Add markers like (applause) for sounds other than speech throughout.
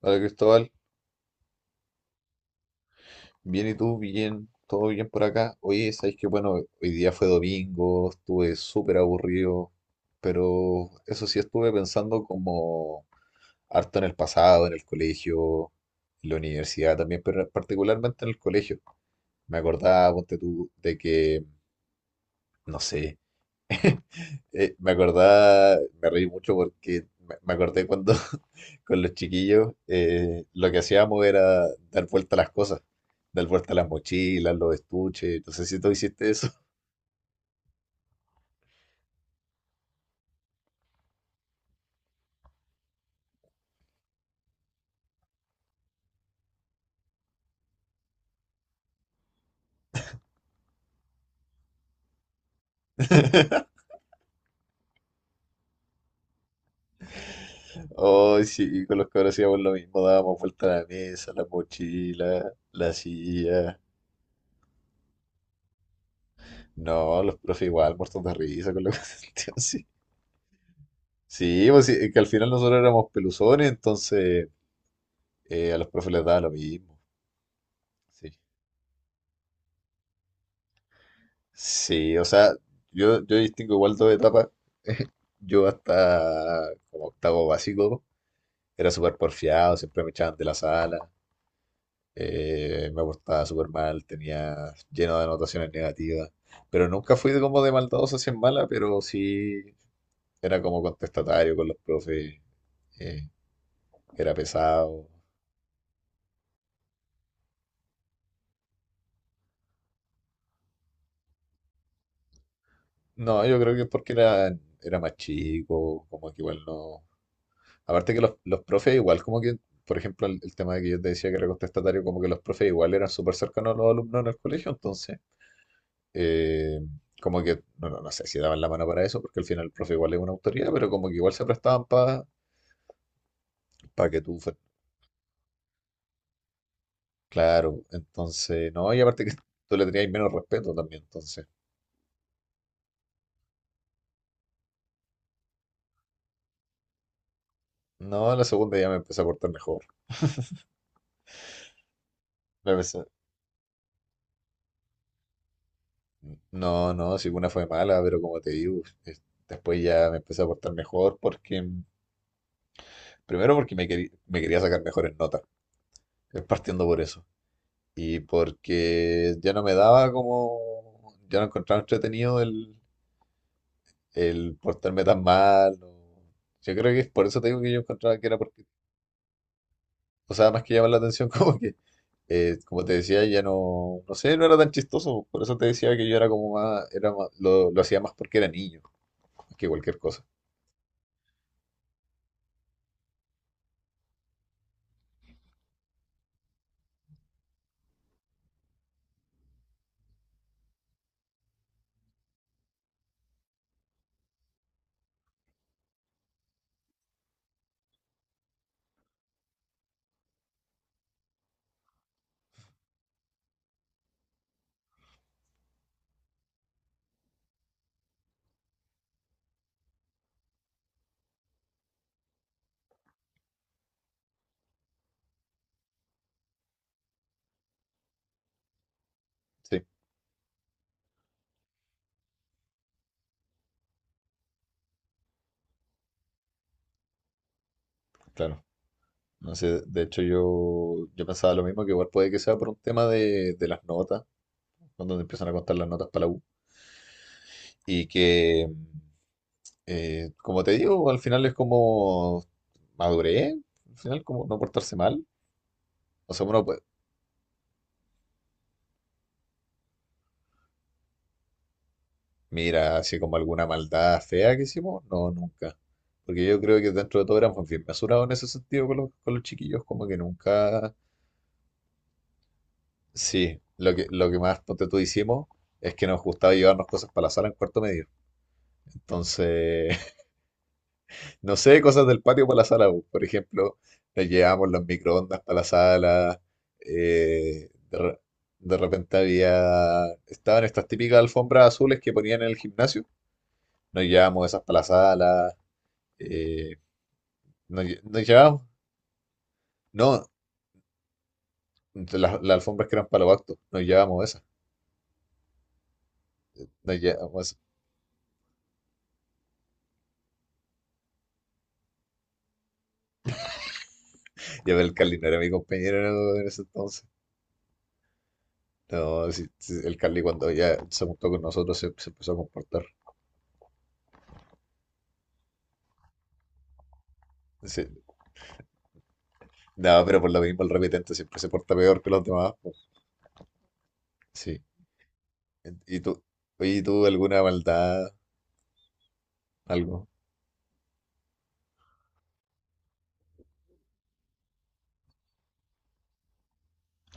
Hola, Cristóbal. Bien, ¿y tú? Bien, todo bien por acá. Oye, sabes que bueno, hoy día fue domingo, estuve súper aburrido, pero eso sí, estuve pensando como harto en el pasado, en el colegio, en la universidad también, pero particularmente en el colegio. Me acordaba, ponte tú, de que, no sé, me acordaba, me reí mucho porque me acordé cuando (laughs) con los chiquillos lo que hacíamos era dar vuelta a las cosas, dar vuelta a las mochilas, los estuches. No sé si tú hiciste eso. (laughs) Oh, sí, con los que hacíamos lo mismo, dábamos vuelta a la mesa, la mochila, la silla. No, los profes igual, muertos de risa con lo que (laughs) así. Sí, sí, pues sí, que al final nosotros éramos peluzones, entonces a los profes les daba lo mismo. Sí. Sí, o sea, yo distingo igual dos etapas. Yo hasta como octavo básico era súper porfiado, siempre me echaban de la sala, me portaba súper mal, tenía lleno de anotaciones negativas, pero nunca fui de como de maldadoso hacia mala, pero sí era como contestatario con los profes, eh, era pesado. No, yo creo que es porque era más chico, como que igual no. Aparte que los profes igual como que, por ejemplo, el tema de que yo te decía que era contestatario, como que los profes igual eran súper cercanos a los alumnos en el colegio, entonces, eh, como que, no, no, no sé si daban la mano para eso, porque al final el profe igual es una autoridad, pero como que igual se prestaban para que tú, claro. Entonces no, y aparte que tú le tenías menos respeto también, entonces, no, en la segunda ya me empecé a portar mejor. Me empecé- no, no, si una fue mala, pero como te digo, después ya me empecé a portar mejor porque... Primero porque me quería sacar mejores notas, partiendo por eso. Y porque ya no me daba como, ya no encontraba entretenido el portarme tan mal. Yo creo que es por eso te digo que yo encontraba que era porque, o sea, más que llamar la atención, (laughs) como que, como te decía, ya no, no sé, no era tan chistoso. Por eso te decía que yo era como más, lo hacía más porque era niño, más que cualquier cosa. Sí, claro. No sé, de hecho yo, yo pensaba lo mismo, que igual puede que sea por un tema de las notas, donde empiezan a contar las notas para la U. Y que, como te digo, al final es como madurez, al final como no portarse mal. O sea, uno, pues, mira, así como alguna maldad fea que hicimos, no, nunca. Porque yo creo que dentro de todo éramos bien mesurados en ese sentido con los chiquillos, como que nunca... Sí, lo que más, ponte tú, hicimos es que nos gustaba llevarnos cosas para la sala en cuarto medio. Entonces... No sé, cosas del patio para la sala, pues. Por ejemplo, nos llevamos los microondas para la sala. eh, de, re- de repente había... Estaban estas típicas alfombras azules que ponían en el gimnasio. Nos llevamos esas para la sala. eh, Nos llevamos... No, las alfombras que eran para los actos. Nos llevamos esas. Nos llevamos esas. Ya el Carly no era mi compañero en ese entonces. No, sí, sí, el Carly cuando ya se juntó con nosotros se empezó a comportar. No, pero por lo mismo el repetente siempre se porta peor que los demás, pues. Sí. ¿Y tú? Oye, ¿y tú alguna maldad? Algo.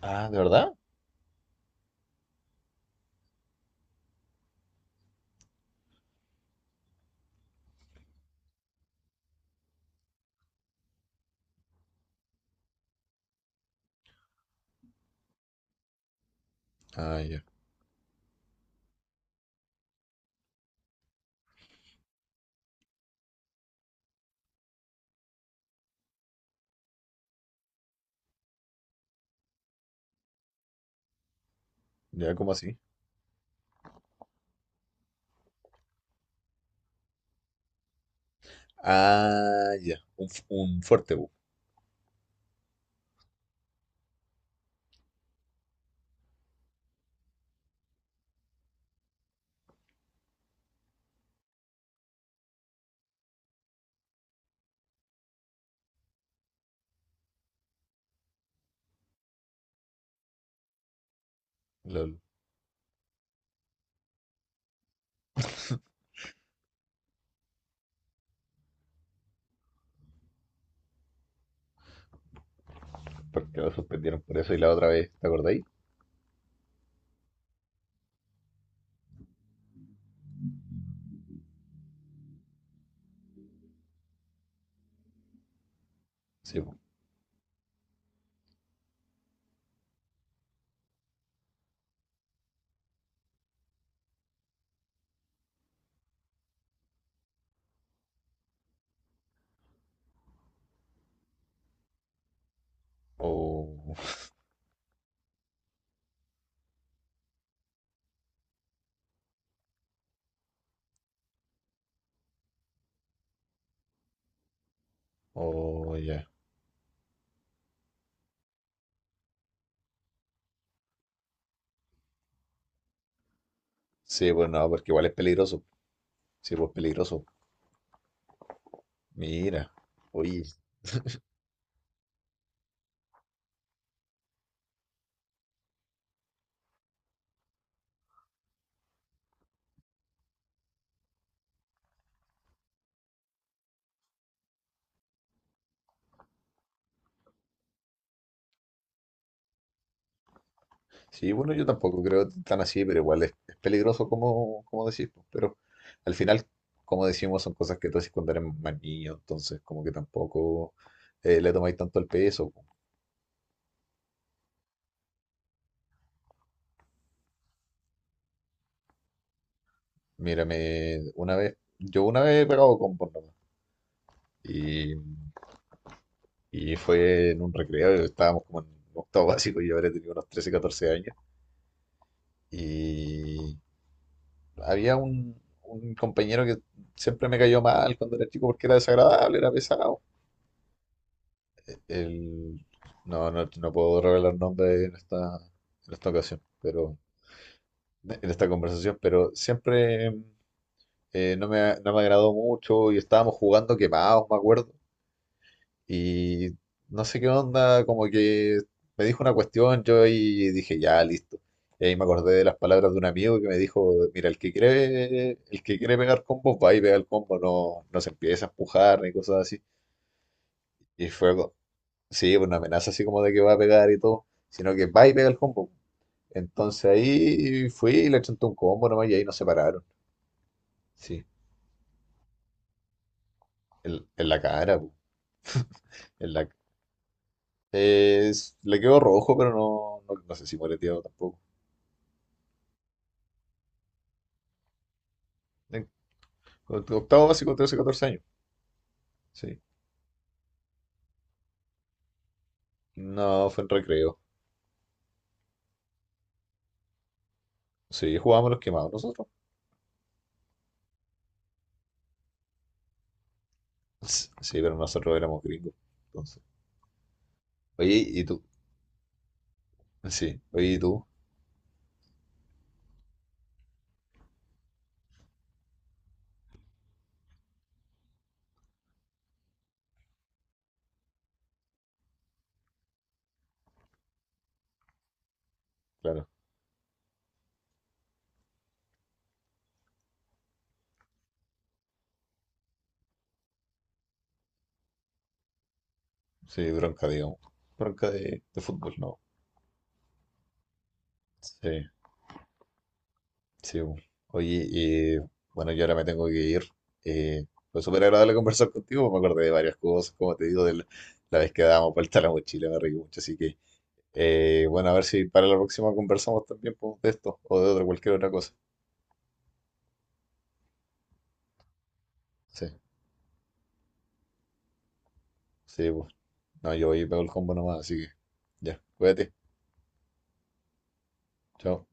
Ah, ¿de verdad? Ah, ya. ¿Ya cómo así? Ah, ya. Un, un fuerte, bu. Lol. Porque lo suspendieron por eso y la otra vez, ¿te acordáis? Sí, bu. Oh, oh, ya. Sí, pues no, porque igual es peligroso. Sí, pues peligroso. Mira. Oye. Sí, bueno, yo tampoco creo tan así, pero igual es peligroso, como, como decís, pues, pero al final, como decimos, son cosas que tú haces cuando eres más niño, entonces como que tampoco le tomáis tanto el peso, po. Mírame, una vez, yo una vez he pegado con porno, y, y fue en un recreo, estábamos como en octavo básico, yo habré tenido unos 13, 14 años, y había un compañero que siempre me cayó mal cuando era chico porque era desagradable, era pesado. El... No, no, no puedo revelar nombre en esta ocasión, pero en esta conversación, pero siempre no me agradó mucho y estábamos jugando quemados, me acuerdo. Y no sé qué onda, como que me dijo una cuestión, yo ahí dije, ya, listo. Y ahí me acordé de las palabras de un amigo que me dijo, mira, el que quiere pegar combos va y pega el combo, no, no se empieza a empujar ni cosas así. Y fue, sí, pues no amenaza así como de que va a pegar y todo, sino que va y pega el combo. Entonces ahí fui y le chanté un combo nomás y ahí nos separaron. Sí, en la cara, pu, en la, le quedó rojo, pero no, no, no sé si moreteado tampoco. En octavo básico, 13, 14 años. Sí. No, fue en recreo. Sí, jugábamos los quemados nosotros. Sí, pero nosotros éramos gringos. Entonces. Oye, ¿y tú? Sí, oye, ¿y tú? Claro. Sí, bronca, digamos. Bronca de fútbol, no. Sí. Sí, bu. Oye, y bueno, yo ahora me tengo que ir. Eh, fue súper agradable conversar contigo, me acordé de varias cosas, como te digo, de la, la vez que dábamos vuelta a la mochila, me reí mucho, así que, bueno, a ver si para la próxima conversamos también, pues, de esto o de otra, cualquier otra cosa. Sí, sí, pues. No, yo voy y pego el combo nomás, así que ya, cuídate, chao.